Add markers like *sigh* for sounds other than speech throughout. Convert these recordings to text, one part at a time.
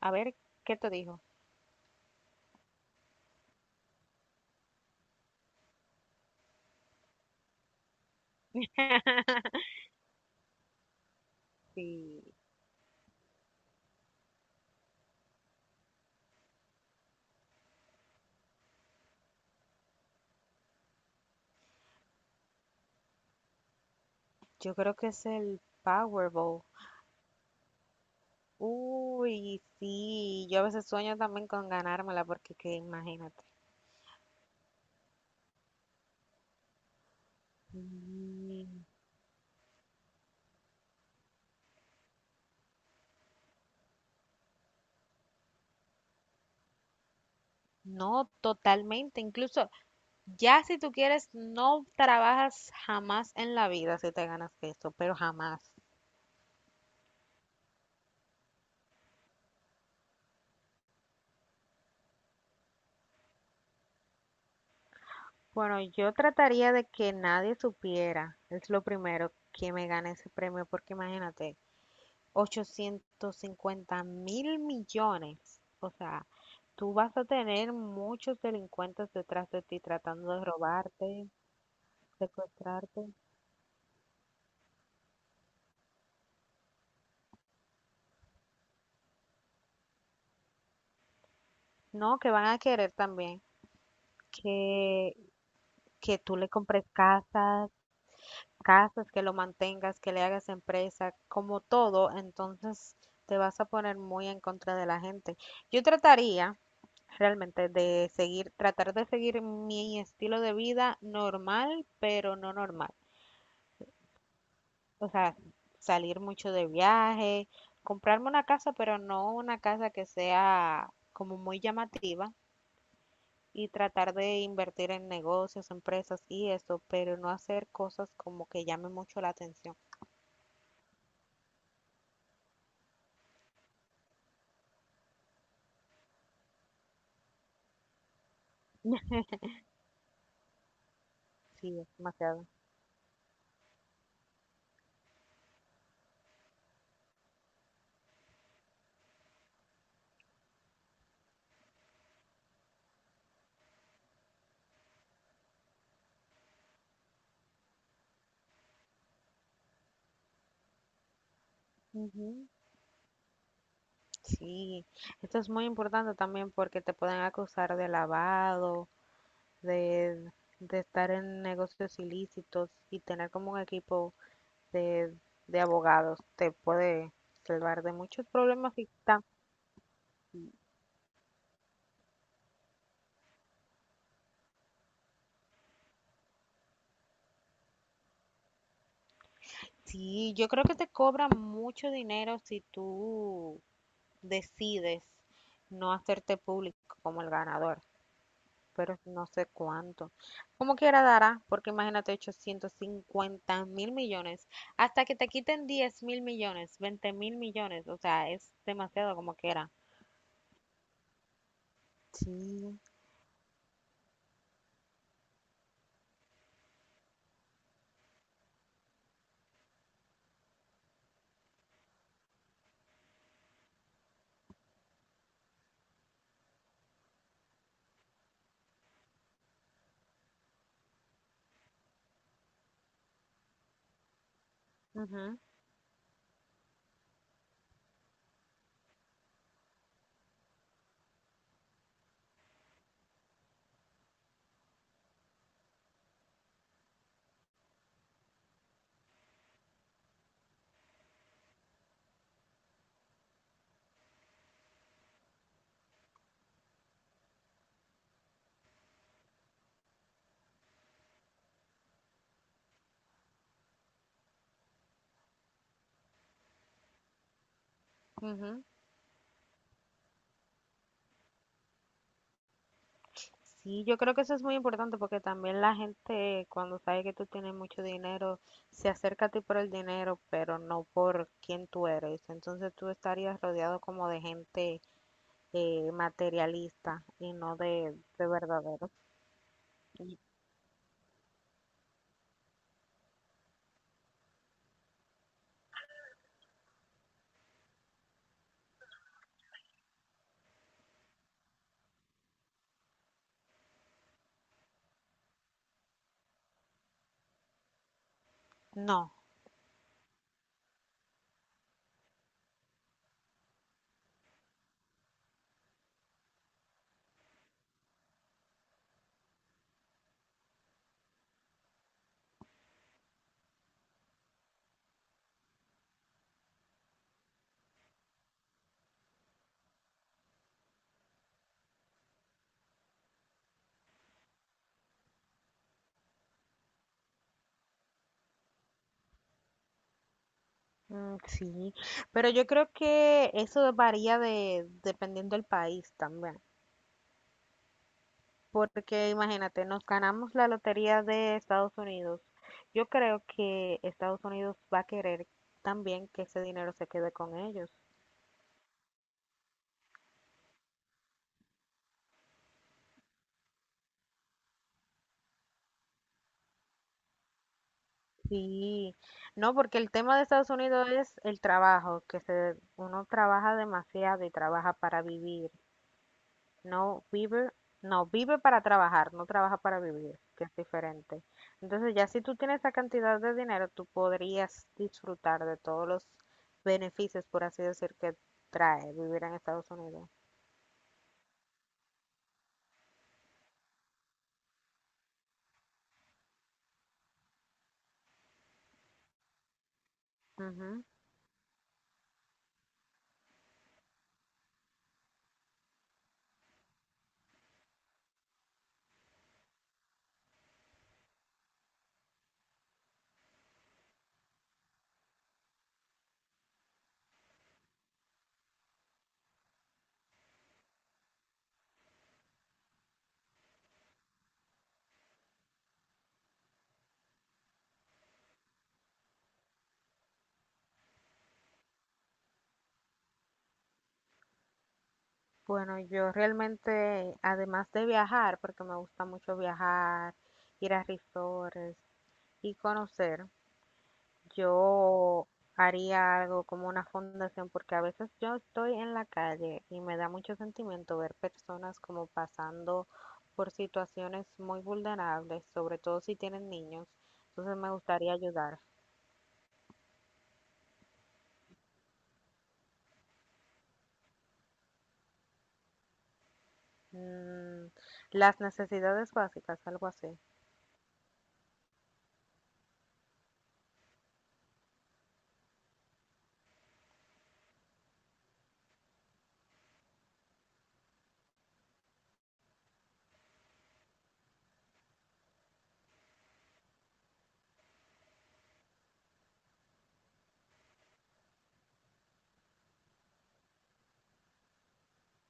A ver, ¿qué te dijo? *laughs* Sí, yo creo que es el Powerball. Uy, sí, yo a veces sueño también con ganármela porque que imagínate. Mm. No, totalmente. Incluso ya si tú quieres, no trabajas jamás en la vida si te ganas esto, pero jamás. Bueno, yo trataría de que nadie supiera, es lo primero, que me gane ese premio, porque imagínate, 850.000 millones. O sea, tú vas a tener muchos delincuentes detrás de ti tratando de robarte, secuestrarte. No, que van a querer también que, que tú le compres casas, casas, que lo mantengas, que le hagas empresa, como todo. Entonces te vas a poner muy en contra de la gente. Yo trataría realmente de seguir, tratar de seguir mi estilo de vida normal, pero no normal. O sea, salir mucho de viaje, comprarme una casa, pero no una casa que sea como muy llamativa y tratar de invertir en negocios, empresas y eso, pero no hacer cosas como que llamen mucho la atención. Sí, es demasiado. Ujú. Sí, esto es muy importante también porque te pueden acusar de lavado, de, de estar en negocios ilícitos y tener como un equipo de, de abogados te puede salvar de muchos problemas Sí, yo creo que te cobran mucho dinero si tú decides no hacerte público como el ganador, pero no sé cuánto. Como quiera dará, porque imagínate 850 mil millones, hasta que te quiten 10.000 millones, 20.000 millones, o sea, es demasiado como quiera. Sí. Ujú, ujú. Sí, yo creo que eso es muy importante porque también la gente cuando sabe que tú tienes mucho dinero se acerca a ti por el dinero, pero no por quién tú eres. Entonces tú estarías rodeado como de gente materialista y no de verdaderos. Y- No, sí, pero yo creo que eso varía dependiendo del país también. Porque imagínate, nos ganamos la lotería de Estados Unidos. Yo creo que Estados Unidos va a querer también que ese dinero se quede con ellos. Sí, no, porque el tema de Estados Unidos es el trabajo, uno trabaja demasiado y trabaja para vivir. No vive, no vive para trabajar, no trabaja para vivir, que es diferente. Entonces, ya si tú tienes esa cantidad de dinero, tú podrías disfrutar de todos los beneficios, por así decir, que trae vivir en Estados Unidos. Ujú. Bueno, yo realmente, además de viajar, porque me gusta mucho viajar, ir a resorts y conocer. Yo haría algo como una fundación porque a veces yo estoy en la calle y me da mucho sentimiento ver personas como pasando por situaciones muy vulnerables, sobre todo si tienen niños. Entonces me gustaría ayudar. Mm, las necesidades básicas, algo así.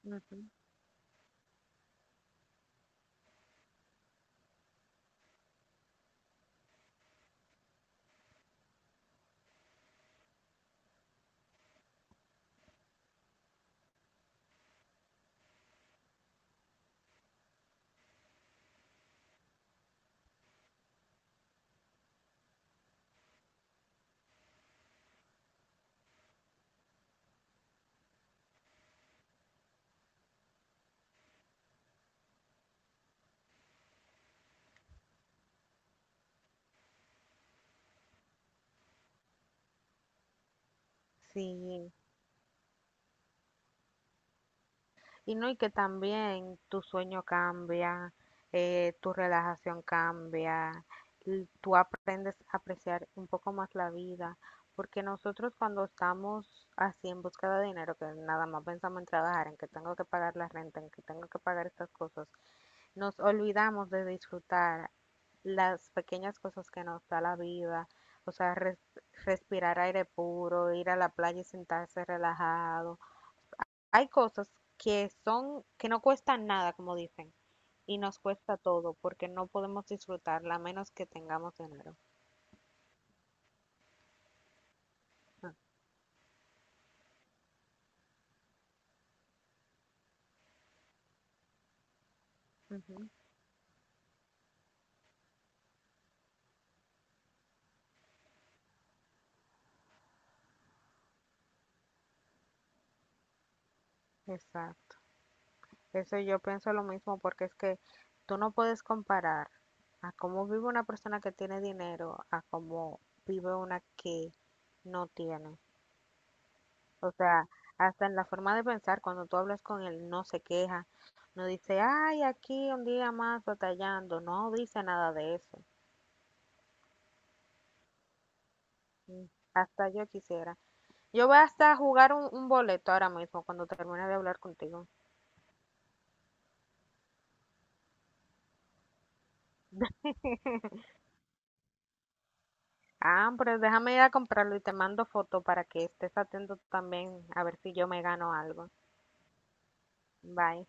Ujú. Sí, y no, y que también tu sueño cambia, tu relajación cambia, tú aprendes a apreciar un poco más la vida, porque nosotros cuando estamos así en búsqueda de dinero, que nada más pensamos en trabajar, en que tengo que pagar la renta, en que tengo que pagar estas cosas, nos olvidamos de disfrutar las pequeñas cosas que nos da la vida, o sea, respirar aire puro, ir a la playa y sentarse relajado. Hay cosas que no cuestan nada, como dicen, y nos cuesta todo, porque no podemos disfrutarla a menos que tengamos dinero. Ah, ujú. Exacto. Eso yo pienso lo mismo, porque es que tú no puedes comparar a cómo vive una persona que tiene dinero a cómo vive una que no tiene. O sea, hasta en la forma de pensar, cuando tú hablas con él, no se queja, no dice, ay, aquí un día más batallando, no dice nada de eso. Mm. Hasta yo quisiera. Yo voy hasta a jugar un boleto ahora mismo cuando termine de hablar contigo. Ah, pero déjame ir a comprarlo y te mando foto para que estés atento también a ver si yo me gano algo. Bye.